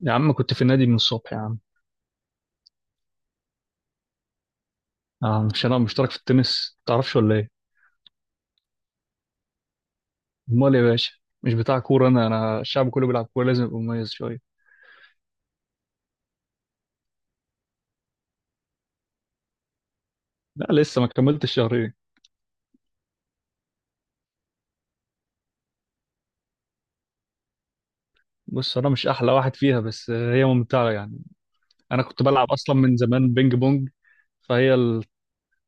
يا عم كنت في النادي من الصبح يا عم. مش انا مشترك في التنس، متعرفش ولا ايه؟ امال يا باشا! مش بتاع كوره، انا الشعب كله بيلعب كوره، لازم ابقى مميز شويه. لا، لسه ما كملتش شهرين. بص، انا مش احلى واحد فيها، بس هي ممتعه يعني. انا كنت بلعب اصلا من زمان بينج بونج. فهي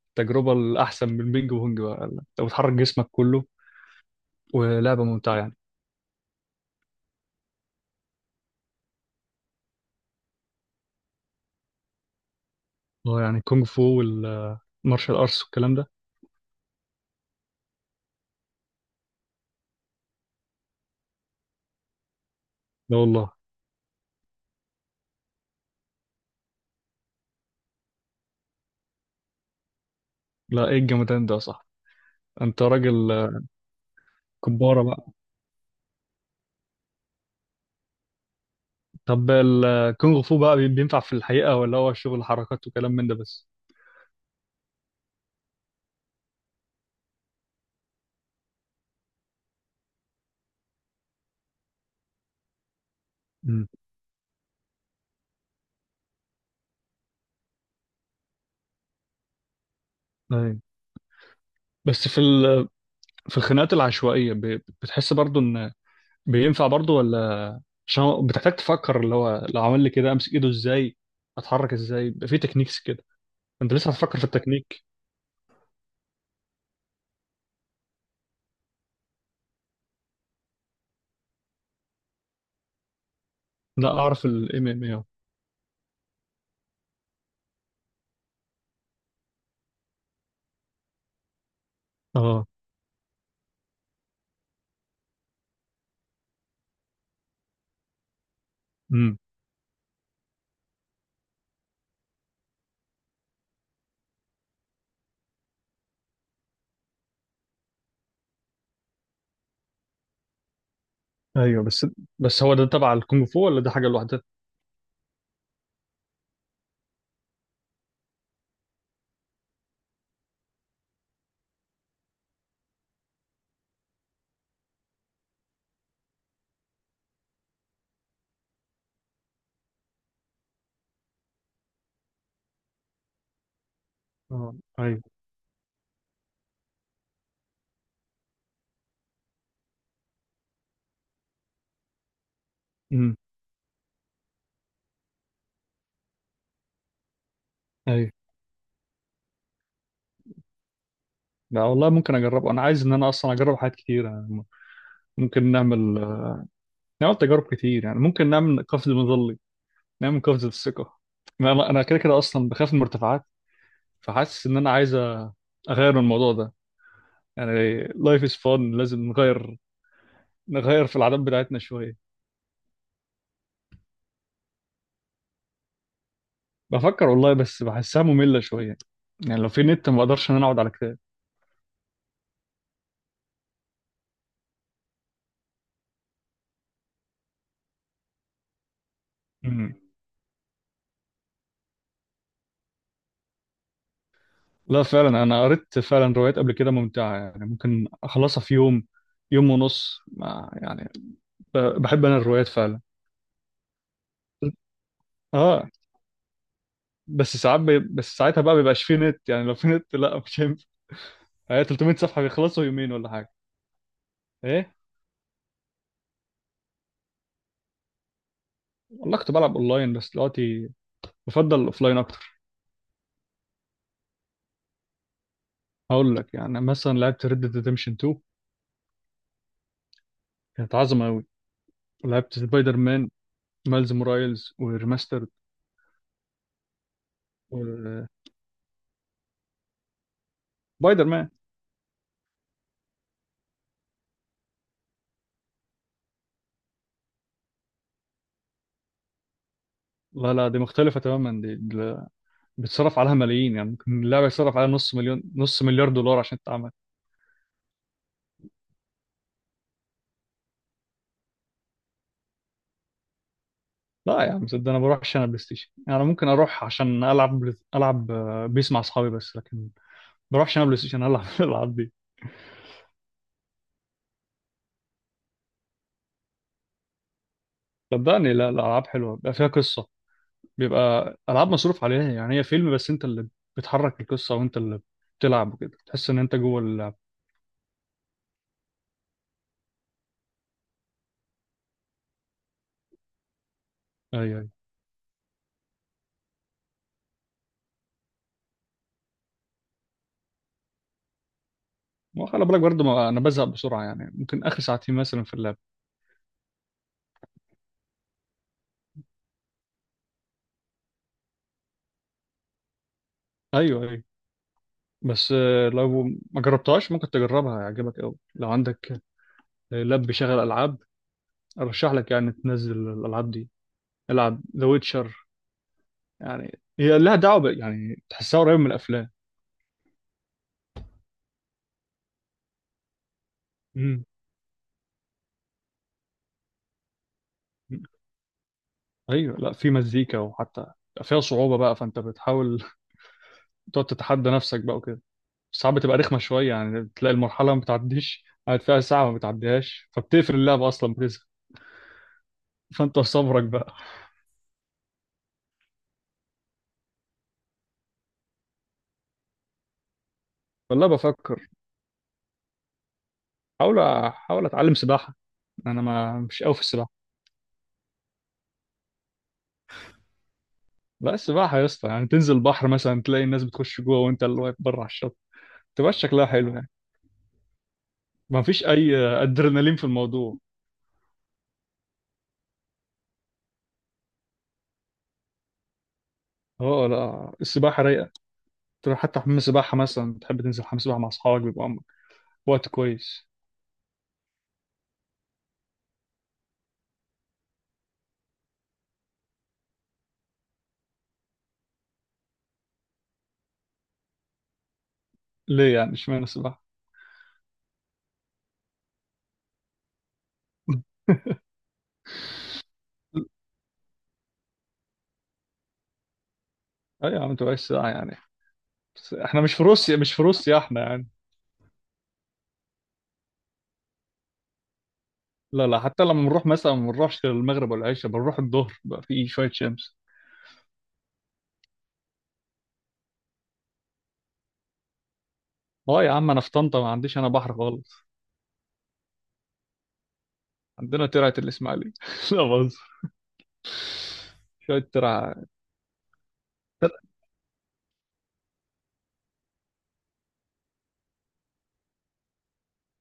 التجربه الاحسن من البينج بونج، بقى انت بتحرك جسمك كله ولعبه ممتعه يعني. اه يعني كونغ فو والمارشال ارتس والكلام ده. لا والله. لا ايه الجمدان ده يا صاحبي، انت راجل كبارة. طب الكونغ فو بقى بينفع في الحقيقة ولا هو شغل حركات وكلام من ده بس؟ امم. ايوه، بس في الخناقات العشوائية بتحس برضو ان بينفع برضو ولا؟ عشان هو بتحتاج تفكر، اللي هو لو عمل لي كده امسك ايده ازاي، اتحرك ازاي، بيبقى في تكنيكس كده. انت لسه هتفكر في التكنيك؟ لا، اعرف الام ام اي. اه. امم. ايوه، بس هو ده تبع الكونغ فو ولا ده حاجة لوحدها؟ اه ايوه. امم. ايوه. لا والله، ممكن اجربه، انا عايز ان انا اصلا اجرب حاجات كتير أنا. ممكن نعمل، نعمل تجارب كتير يعني. ممكن نعمل قفز مظلي، نعمل قفزة الثقة. أنا كده كده أصلا بخاف من المرتفعات، فحاسس إن أنا عايز أغير من الموضوع ده. يعني لايف از فان، لازم نغير، نغير في العادات بتاعتنا شوية. بفكر والله، بس بحسها مملة شوية. يعني لو في نت ما بقدرش إن أنا أقعد على كتاب. مم. لا، فعلا أنا قريت فعلا روايات قبل كده ممتعة، يعني ممكن أخلصها في يوم، يوم ونص ما يعني. بحب أنا الروايات فعلا. آه. بس ساعتها بقى بيبقاش فيه نت، يعني لو في نت لا مش هينفع. هي 300 صفحة بيخلصوا يومين ولا حاجة، ايه. والله كنت بلعب اونلاين، بس دلوقتي بفضل الاوفلاين اكتر. هقول لك، يعني مثلا لعبت ريد ديد ريدمشن 2، كانت عظمة قوي. لعبت سبايدر مان مايلز مورايلز وريماسترد. و- سبايدر مان. لا لا، دي مختلفة تماما، بيتصرف عليها ملايين، يعني ممكن اللعبة يتصرف عليها نص مليون، نص مليار دولار عشان تتعمل. لا يا عم، صدق، انا بروح عشان بلاي ستيشن يعني، ممكن اروح عشان العب العب بيس مع اصحابي بس، لكن ما بروحش انا بلاي ستيشن العب الالعاب دي. صدقني لا، الالعاب حلوه، بيبقى فيها قصه، بيبقى العاب مصروف عليها يعني، هي فيلم بس انت اللي بتحرك القصه وانت اللي بتلعب وكده، تحس ان انت جوه اللعب. ايوه ايوه. وخلي بالك برضه، ما انا بزهق بسرعه، يعني ممكن اخر ساعتين مثلا في اللعب. ايوه ايوه. بس لو ما جربتهاش ممكن تجربها، هيعجبك قوي لو عندك لاب بيشغل العاب. ارشح لك يعني تنزل الالعاب دي، العب ذا ويتشر. يعني هي لها دعوه يعني تحسها قريب من الافلام. مم. ايوه، لا في مزيكا، وحتى فيها صعوبة بقى، فانت بتحاول تقعد تتحدى نفسك بقى وكده. ساعات بتبقى رخمة شوية، يعني بتلاقي المرحلة ما بتعديش، قاعد فيها ساعة ما بتعديهاش فبتقفل اللعبة أصلا بتزهق. فانت صبرك بقى. والله بفكر. احاول احاول اتعلم سباحة، انا ما مش قوي في السباحة. لا، السباحة يا اسطى، يعني تنزل البحر مثلا تلاقي الناس بتخش جوه وانت اللي واقف بره على الشط، تبقى شكلها حلو يعني. ما فيش اي ادرينالين في الموضوع. اه لا، السباحة رايقة، تروح حتى حمام سباحة مثلا، بتحب تنزل حمام سباحة مع اصحابك بيبقى وقت كويس. ليه يعني، اشمعنى السباحة؟ اي يا عم، تبقاش ساعة يعني. بس احنا مش في روسيا، مش في روسيا احنا يعني. لا لا، حتى لما بنروح مثلا ما بنروحش المغرب ولا العشاء، بنروح الظهر بقى في شوية شمس. اه يا عم، انا في طنطا ما عنديش انا بحر خالص. عندنا ترعة الاسماعيلية. لا بهزر، شوية ترعة. ترع...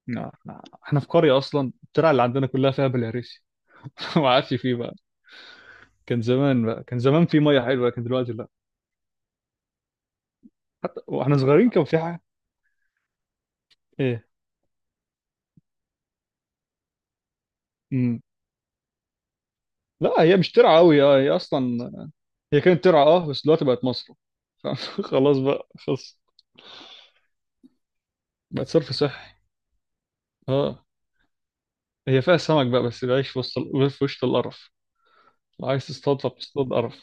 لا، لا. احنا في قرية اصلا، الترعة اللي عندنا كلها فيها بلهارسي. ما عادش فيه بقى. كان زمان في مية حلوة لكن دلوقتي لا. حتى واحنا صغيرين كان في حاجة، ايه. لا هي مش ترعى قوي، اه هي اصلا هي كانت ترعى، اه بس دلوقتي بقت مصرف. خلاص بقى، خلص. بقت صرف صحي. اه. هي فيها سمك بقى، بس بيعيش في في وسط القرف. لو عايز تصطاد فبتصطاد قرف.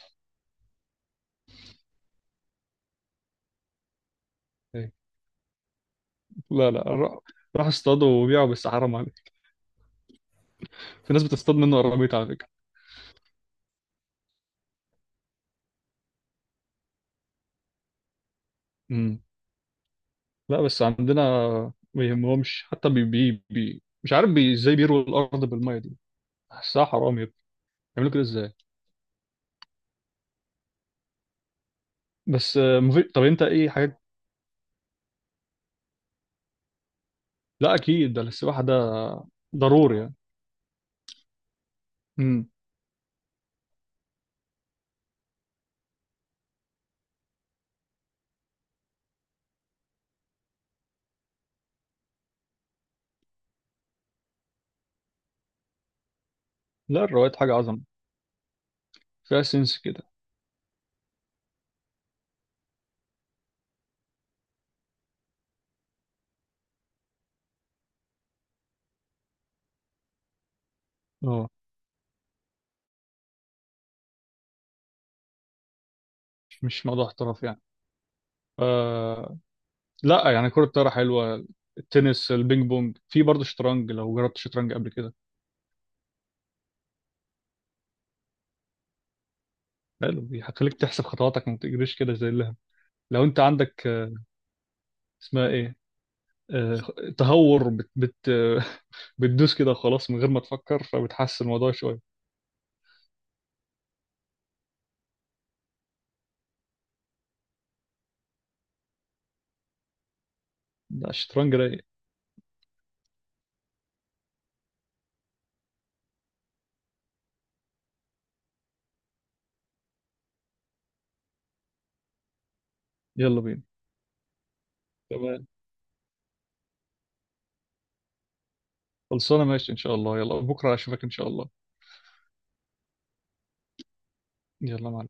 إيه. لا لا، روح، روح اصطاده وبيعه، بس حرام عليك. في ناس بتصطاد منه قراميط على فكرة. امم. لا بس عندنا ما يهمهمش، حتى بي بي, بي. مش عارف بي ازاي بيروا الارض بالميه دي. حسها حرام يا ابني، يعملوا كده ازاي. بس مفيد. طب انت ايه حاجات. لا اكيد، ده السباحه ده ضروري يعني. امم. لا الروايات حاجة عظمة، فيها سنس كده. اه، مش موضوع احتراف يعني. آه. لا يعني كرة الطايرة حلوة، التنس، البينج بونج، في برضه شطرنج، لو جربت شطرنج قبل كده. حلو، دي هتخليك تحسب خطواتك، ما تجريش كده زي اللهم. لو انت عندك اسمها ايه، آه، تهور، بت بت. بتدوس كده خلاص من غير ما تفكر، فبتحسن الموضوع شوية. لا الشطرنج رايق. يلا بينا. تمام، خلصانة، ماشي ان شاء الله، يلا بكرة اشوفك ان شاء الله. يلا مع.